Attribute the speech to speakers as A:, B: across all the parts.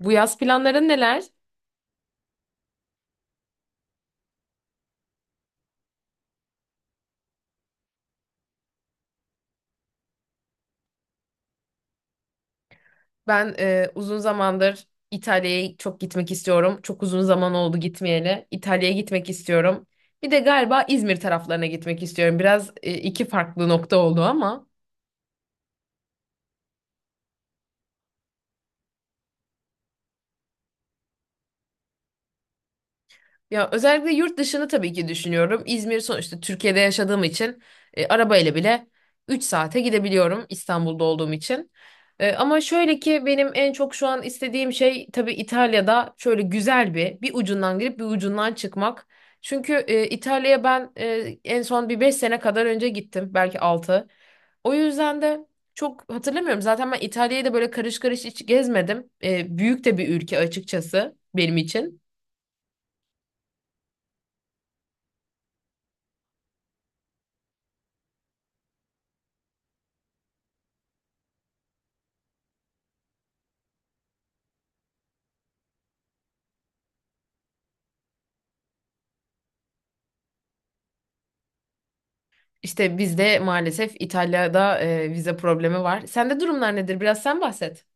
A: Bu yaz planların neler? Ben uzun zamandır İtalya'ya çok gitmek istiyorum. Çok uzun zaman oldu gitmeyeli. İtalya'ya gitmek istiyorum. Bir de galiba İzmir taraflarına gitmek istiyorum. Biraz iki farklı nokta oldu ama. Ya özellikle yurt dışını tabii ki düşünüyorum. İzmir sonuçta Türkiye'de yaşadığım için arabayla bile 3 saate gidebiliyorum İstanbul'da olduğum için. Ama şöyle ki benim en çok şu an istediğim şey tabii İtalya'da şöyle güzel bir ucundan girip bir ucundan çıkmak. Çünkü İtalya'ya ben en son bir 5 sene kadar önce gittim belki 6. O yüzden de çok hatırlamıyorum. Zaten ben İtalya'yı da böyle karış karış hiç gezmedim. Büyük de bir ülke açıkçası benim için. İşte bizde maalesef İtalya'da vize problemi var. Sende durumlar nedir? Biraz sen bahset.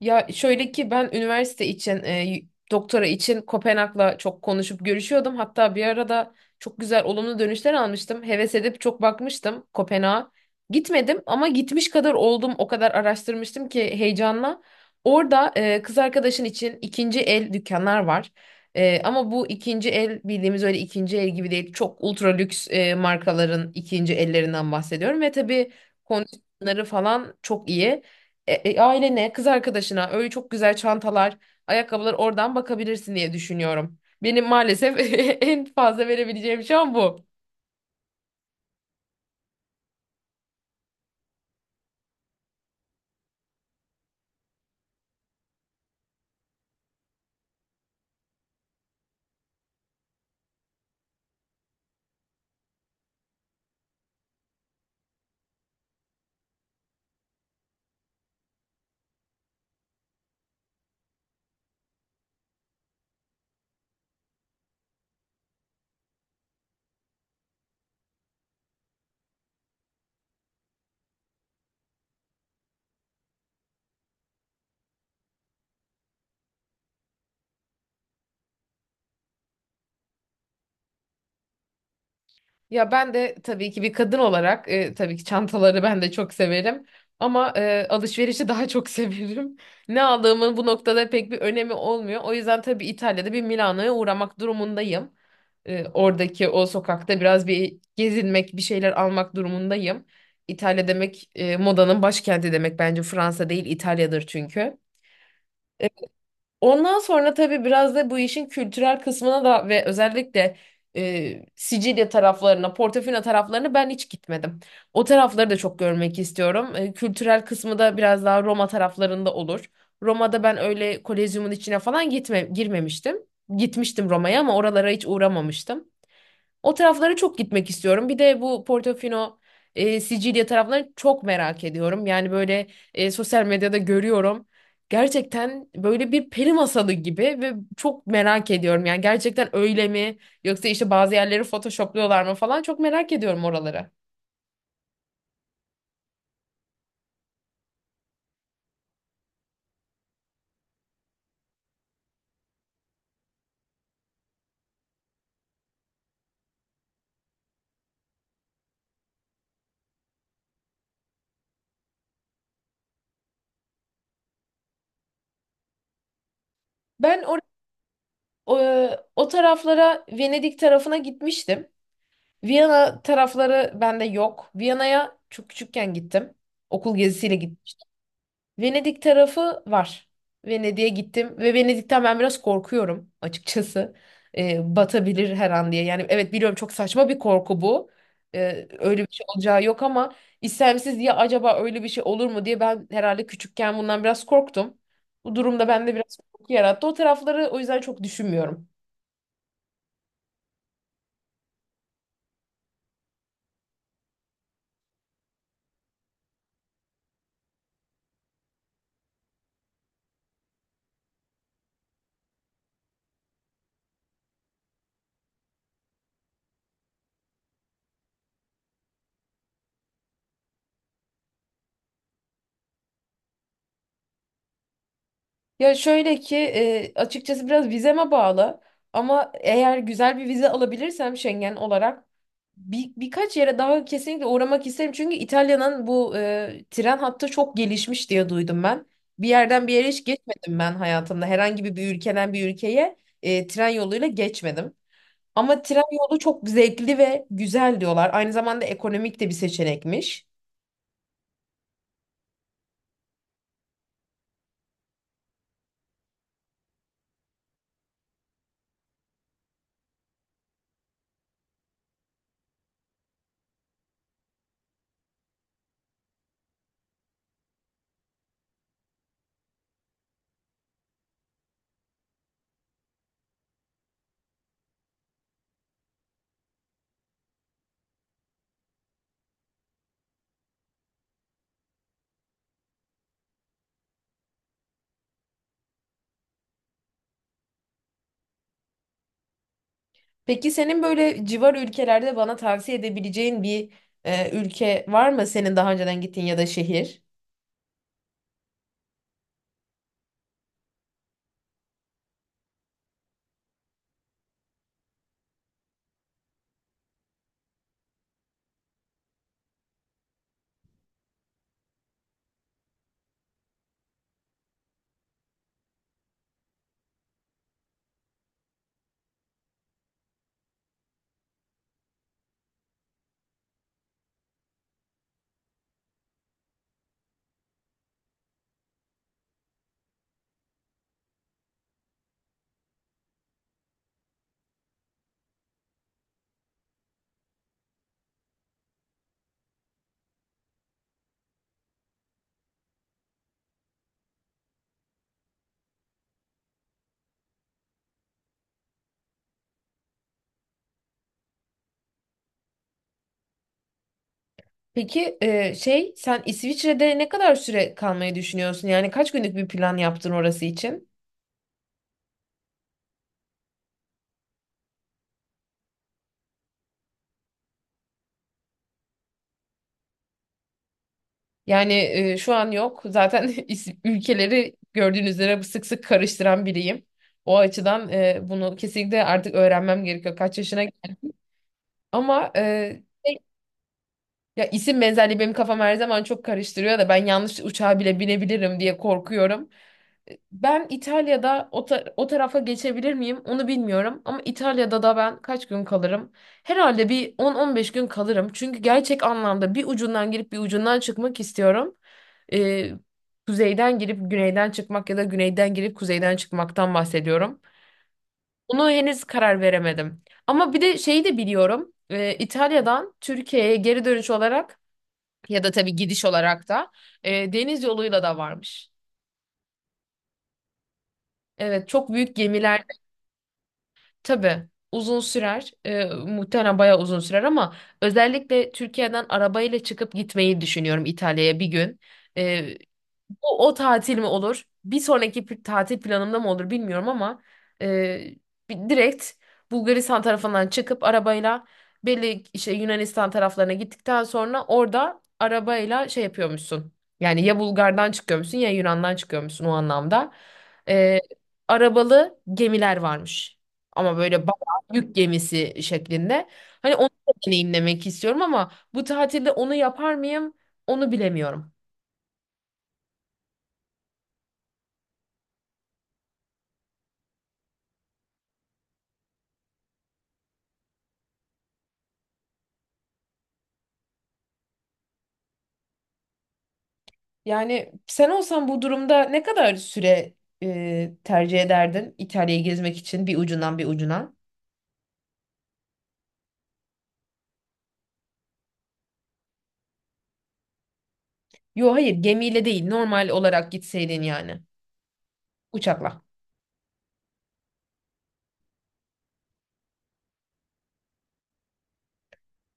A: Ya şöyle ki ben üniversite için doktora için Kopenhag'la çok konuşup görüşüyordum. Hatta bir arada çok güzel olumlu dönüşler almıştım. Heves edip çok bakmıştım Kopenhag'a. Gitmedim ama gitmiş kadar oldum. O kadar araştırmıştım ki heyecanla. Orada kız arkadaşın için ikinci el dükkanlar var. E, ama bu ikinci el bildiğimiz öyle ikinci el gibi değil. Çok ultra lüks markaların ikinci ellerinden bahsediyorum. Ve tabii kondisyonları falan çok iyi ailene, kız arkadaşına öyle çok güzel çantalar, ayakkabılar oradan bakabilirsin diye düşünüyorum. Benim maalesef en fazla verebileceğim şu an bu. Ya ben de tabii ki bir kadın olarak tabii ki çantaları ben de çok severim. Ama alışverişi daha çok severim. Ne aldığımın bu noktada pek bir önemi olmuyor. O yüzden tabii İtalya'da bir Milano'ya uğramak durumundayım. Oradaki o sokakta biraz bir gezinmek, bir şeyler almak durumundayım. İtalya demek modanın başkenti demek bence Fransa değil İtalya'dır çünkü. Ondan sonra tabii biraz da bu işin kültürel kısmına da ve özellikle Sicilya taraflarına, Portofino taraflarına ben hiç gitmedim. O tarafları da çok görmek istiyorum. E, kültürel kısmı da biraz daha Roma taraflarında olur. Roma'da ben öyle Kolezyum'un içine falan girmemiştim. Gitmiştim Roma'ya ama oralara hiç uğramamıştım. O taraflara çok gitmek istiyorum. Bir de bu Portofino, Sicilya taraflarını çok merak ediyorum. Yani böyle sosyal medyada görüyorum. Gerçekten böyle bir peri masalı gibi ve çok merak ediyorum. Yani gerçekten öyle mi? Yoksa işte bazı yerleri photoshopluyorlar mı falan çok merak ediyorum oraları. Ben O, O taraflara Venedik tarafına gitmiştim. Viyana tarafları bende yok. Viyana'ya çok küçükken gittim. Okul gezisiyle gitmiştim. Venedik tarafı var. Venedik'e gittim ve Venedik'ten ben biraz korkuyorum açıkçası. Batabilir her an diye. Yani evet biliyorum çok saçma bir korku bu. Öyle bir şey olacağı yok ama istemsiz diye acaba öyle bir şey olur mu diye ben herhalde küçükken bundan biraz korktum. Bu durumda bende biraz korku yarattı. O tarafları o yüzden çok düşünmüyorum. Ya şöyle ki açıkçası biraz vizeme bağlı ama eğer güzel bir vize alabilirsem Schengen olarak birkaç yere daha kesinlikle uğramak isterim. Çünkü İtalya'nın bu tren hattı çok gelişmiş diye duydum ben. Bir yerden bir yere hiç geçmedim ben hayatımda. Herhangi bir ülkeden bir ülkeye tren yoluyla geçmedim. Ama tren yolu çok zevkli ve güzel diyorlar. Aynı zamanda ekonomik de bir seçenekmiş. Peki senin böyle civar ülkelerde bana tavsiye edebileceğin bir ülke var mı senin daha önceden gittiğin ya da şehir? Peki sen İsviçre'de ne kadar süre kalmayı düşünüyorsun? Yani kaç günlük bir plan yaptın orası için? Yani şu an yok. Zaten ülkeleri gördüğünüz üzere sık sık karıştıran biriyim. O açıdan bunu kesinlikle artık öğrenmem gerekiyor. Kaç yaşına geldim. Ama ya isim benzerliği benim kafam her zaman çok karıştırıyor da ben yanlış uçağa bile binebilirim diye korkuyorum. Ben İtalya'da o tarafa geçebilir miyim onu bilmiyorum ama İtalya'da da ben kaç gün kalırım? Herhalde bir 10-15 gün kalırım. Çünkü gerçek anlamda bir ucundan girip bir ucundan çıkmak istiyorum. Ee, Kuzeyden girip güneyden çıkmak ya da güneyden girip kuzeyden çıkmaktan bahsediyorum. Bunu henüz karar veremedim. Ama bir de şeyi de biliyorum. İtalya'dan Türkiye'ye geri dönüş olarak ya da tabii gidiş olarak da deniz yoluyla da varmış. Evet, çok büyük gemiler. Tabii uzun sürer. Muhtemelen bayağı uzun sürer ama özellikle Türkiye'den arabayla çıkıp gitmeyi düşünüyorum İtalya'ya bir gün. O tatil mi olur? Bir sonraki tatil planımda mı olur bilmiyorum ama e, direkt Bulgaristan tarafından çıkıp arabayla belli işte Yunanistan taraflarına gittikten sonra orada arabayla şey yapıyormuşsun. Yani ya Bulgar'dan çıkıyormuşsun ya Yunan'dan çıkıyormuşsun o anlamda. E, Arabalı gemiler varmış. Ama böyle bayağı yük gemisi şeklinde. Hani onu da deneyimlemek istiyorum ama bu tatilde onu yapar mıyım? Onu bilemiyorum. Yani sen olsan bu durumda ne kadar süre tercih ederdin İtalya'yı gezmek için bir ucundan bir ucuna? Yo hayır, gemiyle değil, normal olarak gitseydin yani uçakla.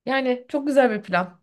A: Yani çok güzel bir plan.